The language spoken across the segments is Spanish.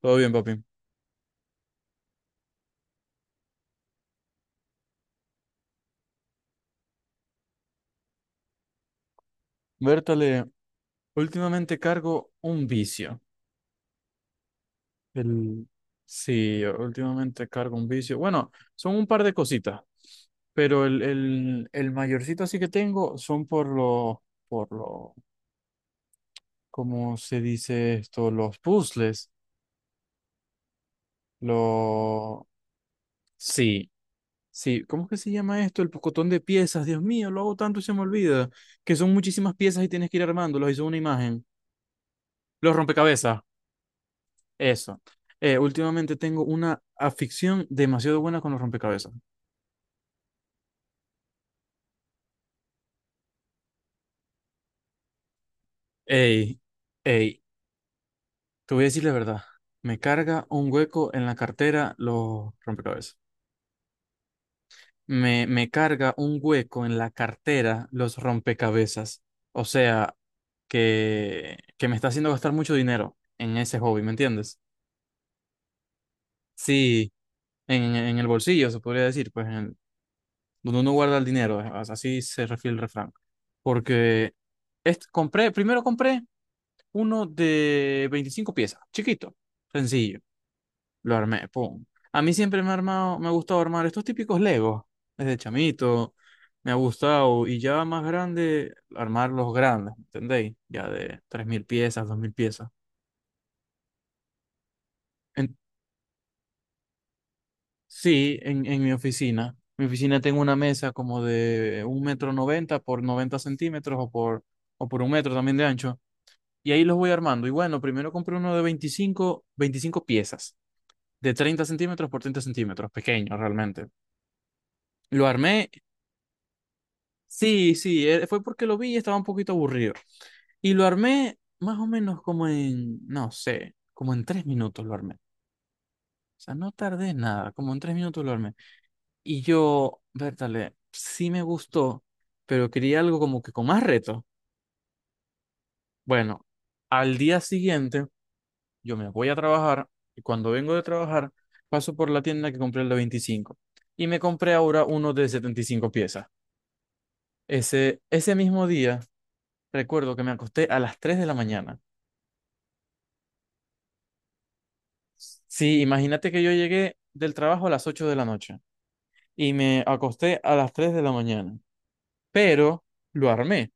Todo bien, papi. Bertale, últimamente cargo un vicio. El... Sí, últimamente cargo un vicio. Bueno, son un par de cositas, pero el mayorcito así que tengo son por los, por lo, ¿cómo se dice esto? Los puzzles. Los... Sí, sí. ¿Cómo es que se llama esto? El pocotón de piezas. Dios mío, lo hago tanto y se me olvida. Que son muchísimas piezas y tienes que ir armándolas y son una imagen. Los rompecabezas. Eso. Últimamente tengo una afición demasiado buena con los rompecabezas. Ey, ey, te voy a decir la verdad. Me carga un hueco en la cartera los rompecabezas. Me carga un hueco en la cartera los rompecabezas. O sea, que me está haciendo gastar mucho dinero en ese hobby, ¿me entiendes? Sí, en el bolsillo se podría decir, pues donde uno guarda el dinero, así se refiere el refrán. Porque primero compré uno de 25 piezas, chiquito, sencillo. Lo armé, pum. A mí siempre me ha gustado armar estos típicos Legos, desde chamito, me ha gustado, y ya más grande, armar los grandes, ¿me entendéis? Ya de 3000 piezas, 2000 piezas. En- sí, en mi oficina. Mi oficina tengo una mesa como de un metro noventa por 90 centímetros o por un metro también de ancho. Y ahí los voy armando. Y bueno, primero compré uno de veinticinco piezas, de 30 centímetros por 30 centímetros, pequeño realmente. Lo armé, sí, sí, fue porque lo vi y estaba un poquito aburrido. Y lo armé más o menos como en, no sé, como en 3 minutos lo armé. O sea, no tardé nada, como en 3 minutos lo armé. Y yo, Bertale, sí me gustó, pero quería algo como que con más reto. Bueno, al día siguiente yo me voy a trabajar y cuando vengo de trabajar paso por la tienda que compré el de 25 y me compré ahora uno de 75 piezas. Ese, ese mismo día recuerdo que me acosté a las 3 de la mañana. Sí, imagínate que yo llegué del trabajo a las 8 de la noche y me acosté a las 3 de la mañana, pero lo armé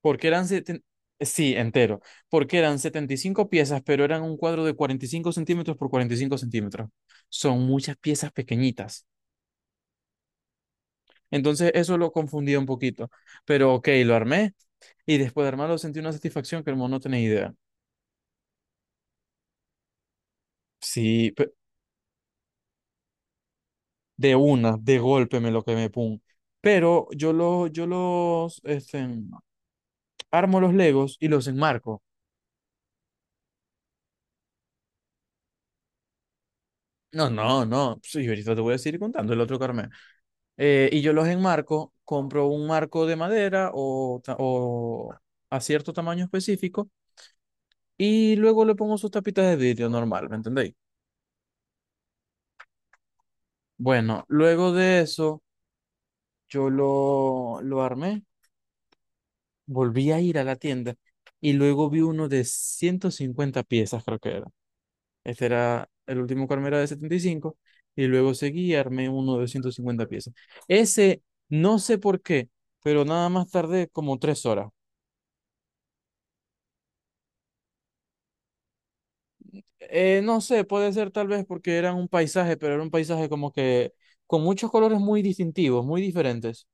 porque eran sí, entero, porque eran 75 piezas, pero eran un cuadro de 45 centímetros por 45 centímetros. Son muchas piezas pequeñitas. Entonces eso lo confundía un poquito. Pero ok, lo armé y después de armarlo sentí una satisfacción que hermano no tenía idea. Sí, de una, de golpe me lo quemé, pum. Pero yo, lo, yo los este, armo los Legos y los enmarco. No, no, no. Sí, ahorita te voy a seguir contando el otro que armé. Y yo los enmarco, compro un marco de madera o, o a cierto tamaño específico y luego le pongo sus tapitas de vidrio normal, ¿me entendéis? Bueno, luego de eso yo lo armé, volví a ir a la tienda y luego vi uno de 150 piezas, creo que era. Este era el último que armé era de setenta y cinco y luego seguí y armé uno de 150 piezas. Ese, no sé por qué, pero nada más tardé como 3 horas. No sé, puede ser tal vez porque era un paisaje, pero era un paisaje como que con muchos colores muy distintivos, muy diferentes.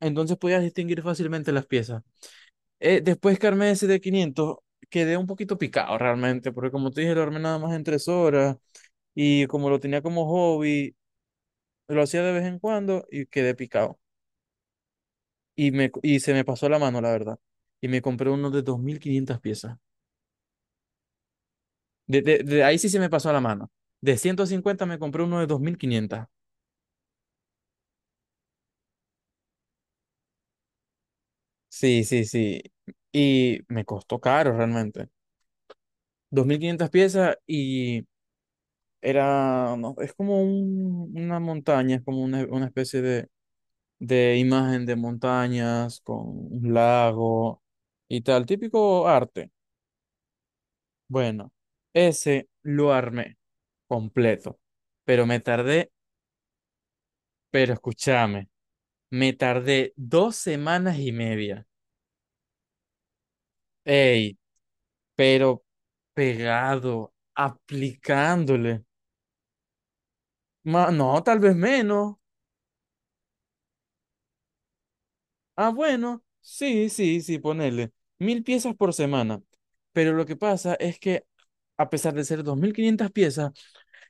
Entonces podías distinguir fácilmente las piezas. Después que armé ese de 500 quedé un poquito picado realmente, porque como te dije, lo armé nada más en 3 horas y como lo tenía como hobby, lo hacía de vez en cuando y quedé picado. Y, me, y se me pasó la mano, la verdad. Y me compré uno de 2500 piezas. De ahí sí se me pasó la mano. De 150 me compré uno de dos mil quinientas. Sí, sí, sí. Y me costó caro realmente. 2500 piezas y era, no, es como una montaña, es como una especie de imagen de montañas con un lago y tal, típico arte. Bueno, ese lo armé completo, pero me tardé, pero escúchame, me tardé 2 semanas y media. Ey, pero pegado, aplicándole. No, tal vez menos. Ah, bueno, sí, sí, sí, ponele. 1000 piezas por semana. Pero lo que pasa es que, a pesar de ser 2500 piezas,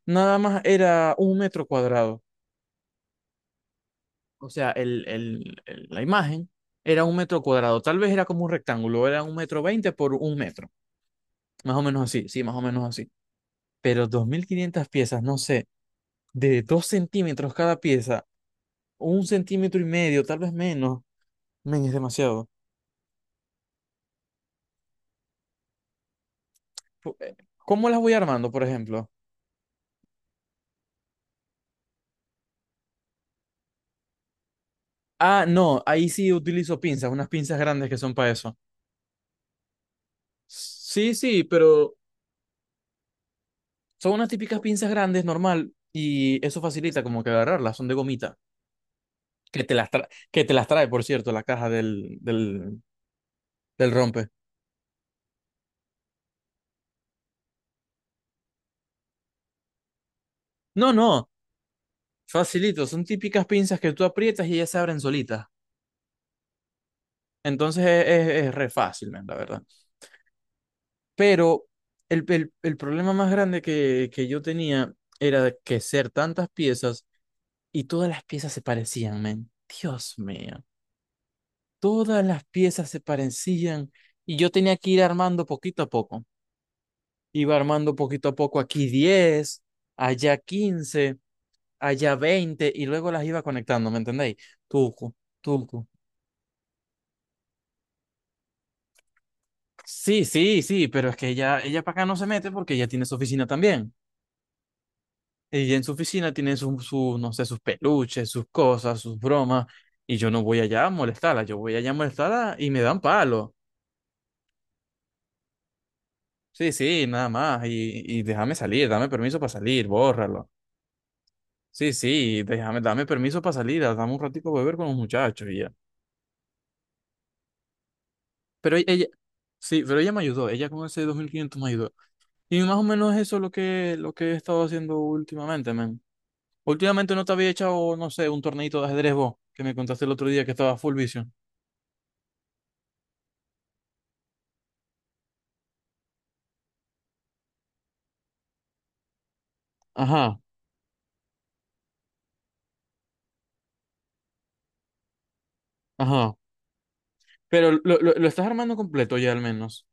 nada más era un metro cuadrado. O sea, la imagen era un metro cuadrado. Tal vez era como un rectángulo, era un metro veinte por un metro. Más o menos así, sí, más o menos así. Pero 2500 piezas, no sé, de 2 centímetros cada pieza, un centímetro y medio, tal vez menos. Men, es demasiado. Pu- eh, ¿Cómo las voy armando, por ejemplo? Ah, no, ahí sí utilizo pinzas, unas pinzas grandes que son para eso. Sí, sí, pero son unas típicas pinzas grandes, normal, y eso facilita como que agarrarlas, son de gomita, que te las trae, por cierto, la caja del rompe. No, no, facilito, son típicas pinzas que tú aprietas y ellas se abren solitas. Entonces es re fácil, man, la verdad. Pero el problema más grande que yo tenía era de que ser tantas piezas y todas las piezas se parecían, men. Dios mío. Todas las piezas se parecían. Y yo tenía que ir armando poquito a poco. Iba armando poquito a poco aquí 10, allá 15, allá 20 y luego las iba conectando, ¿me entendéis? Tuco, tuco. Sí, sí, sí, pero es que ella para acá no se mete porque ella tiene su oficina también. Ella en su oficina tiene su, su, no sé, sus peluches, sus cosas, sus bromas, y yo no voy allá a molestarla, yo voy allá a molestarla y me dan palo. Sí, sí, nada más. Y déjame salir, dame permiso para salir, bórralo. Sí, sí, déjame, dame permiso para salir, dame un ratico a beber con los muchachos y ya. Pero ella, sí, pero ella me ayudó, ella con ese 2500 me ayudó. Y más o menos eso es lo que he estado haciendo últimamente, men. Últimamente no te había echado, no sé, un torneito de ajedrez vos, que me contaste el otro día que estaba full vision. Ajá, ajá. Pero lo estás armando completo ya al menos.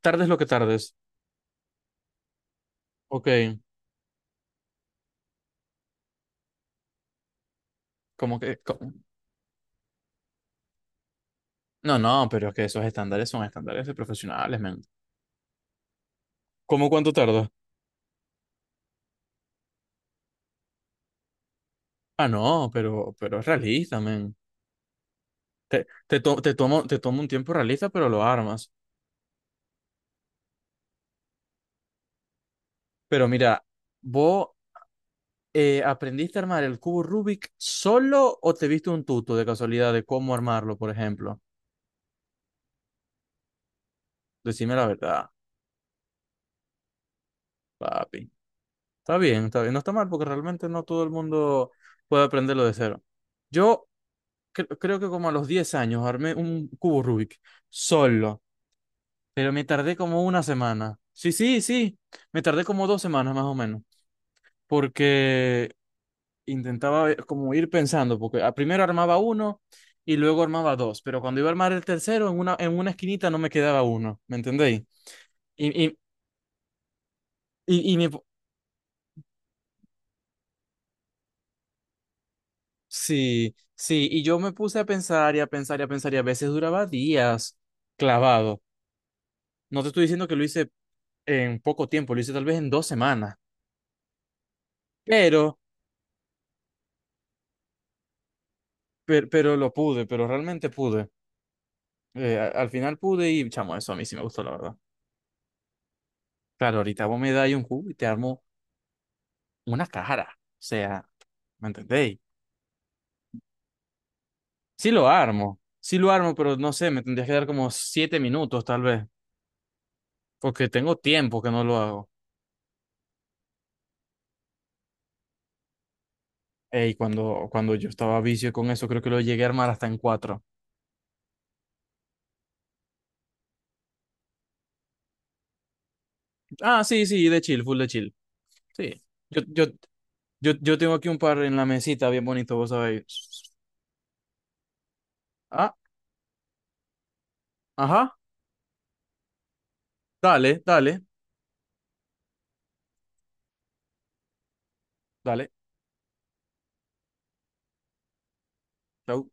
Tardes lo que tardes. Ok, como que, co- no, no, pero es que esos estándares son estándares de profesionales, men. ¿Cómo cuánto tardas? Ah, no, pero es realista, men. Te tomo un tiempo realista, pero lo armas. Pero mira, ¿vos aprendiste a armar el cubo Rubik solo o te viste un tuto de casualidad de cómo armarlo, por ejemplo? Decime la verdad, papi. Está bien, está bien. No está mal porque realmente no todo el mundo puede aprenderlo de cero. Yo creo que como a los 10 años armé un cubo Rubik solo. Pero me tardé como una semana. Sí, sí, sí. Me tardé como 2 semanas más o menos. Porque intentaba como ir pensando, porque primero armaba uno y luego armaba dos. Pero cuando iba a armar el tercero, en una esquinita no me quedaba uno. ¿Me entendéis? Y, y, y, y me, pu- sí, sí, y yo me puse a pensar y a pensar y a pensar y a veces duraba días clavado. No te estoy diciendo que lo hice en poco tiempo, lo hice tal vez en 2 semanas, pero pero lo pude, pero realmente pude. Al final pude y, chamo, eso a mí sí me gustó, la verdad. Claro, ahorita vos me dais un cubo y te armo una cara. O sea, ¿me entendéis? Sí lo armo, pero no sé, me tendrías que dar como 7 minutos tal vez, porque tengo tiempo que no lo hago. Ey, cuando yo estaba a vicio con eso, creo que lo llegué a armar hasta en cuatro. Ah, sí, sí, de chill, full de chill. Sí. Yo, yo, yo tengo aquí un par en la mesita, bien bonito, vos sabéis. Ah, ajá, dale, dale. Dale, chau.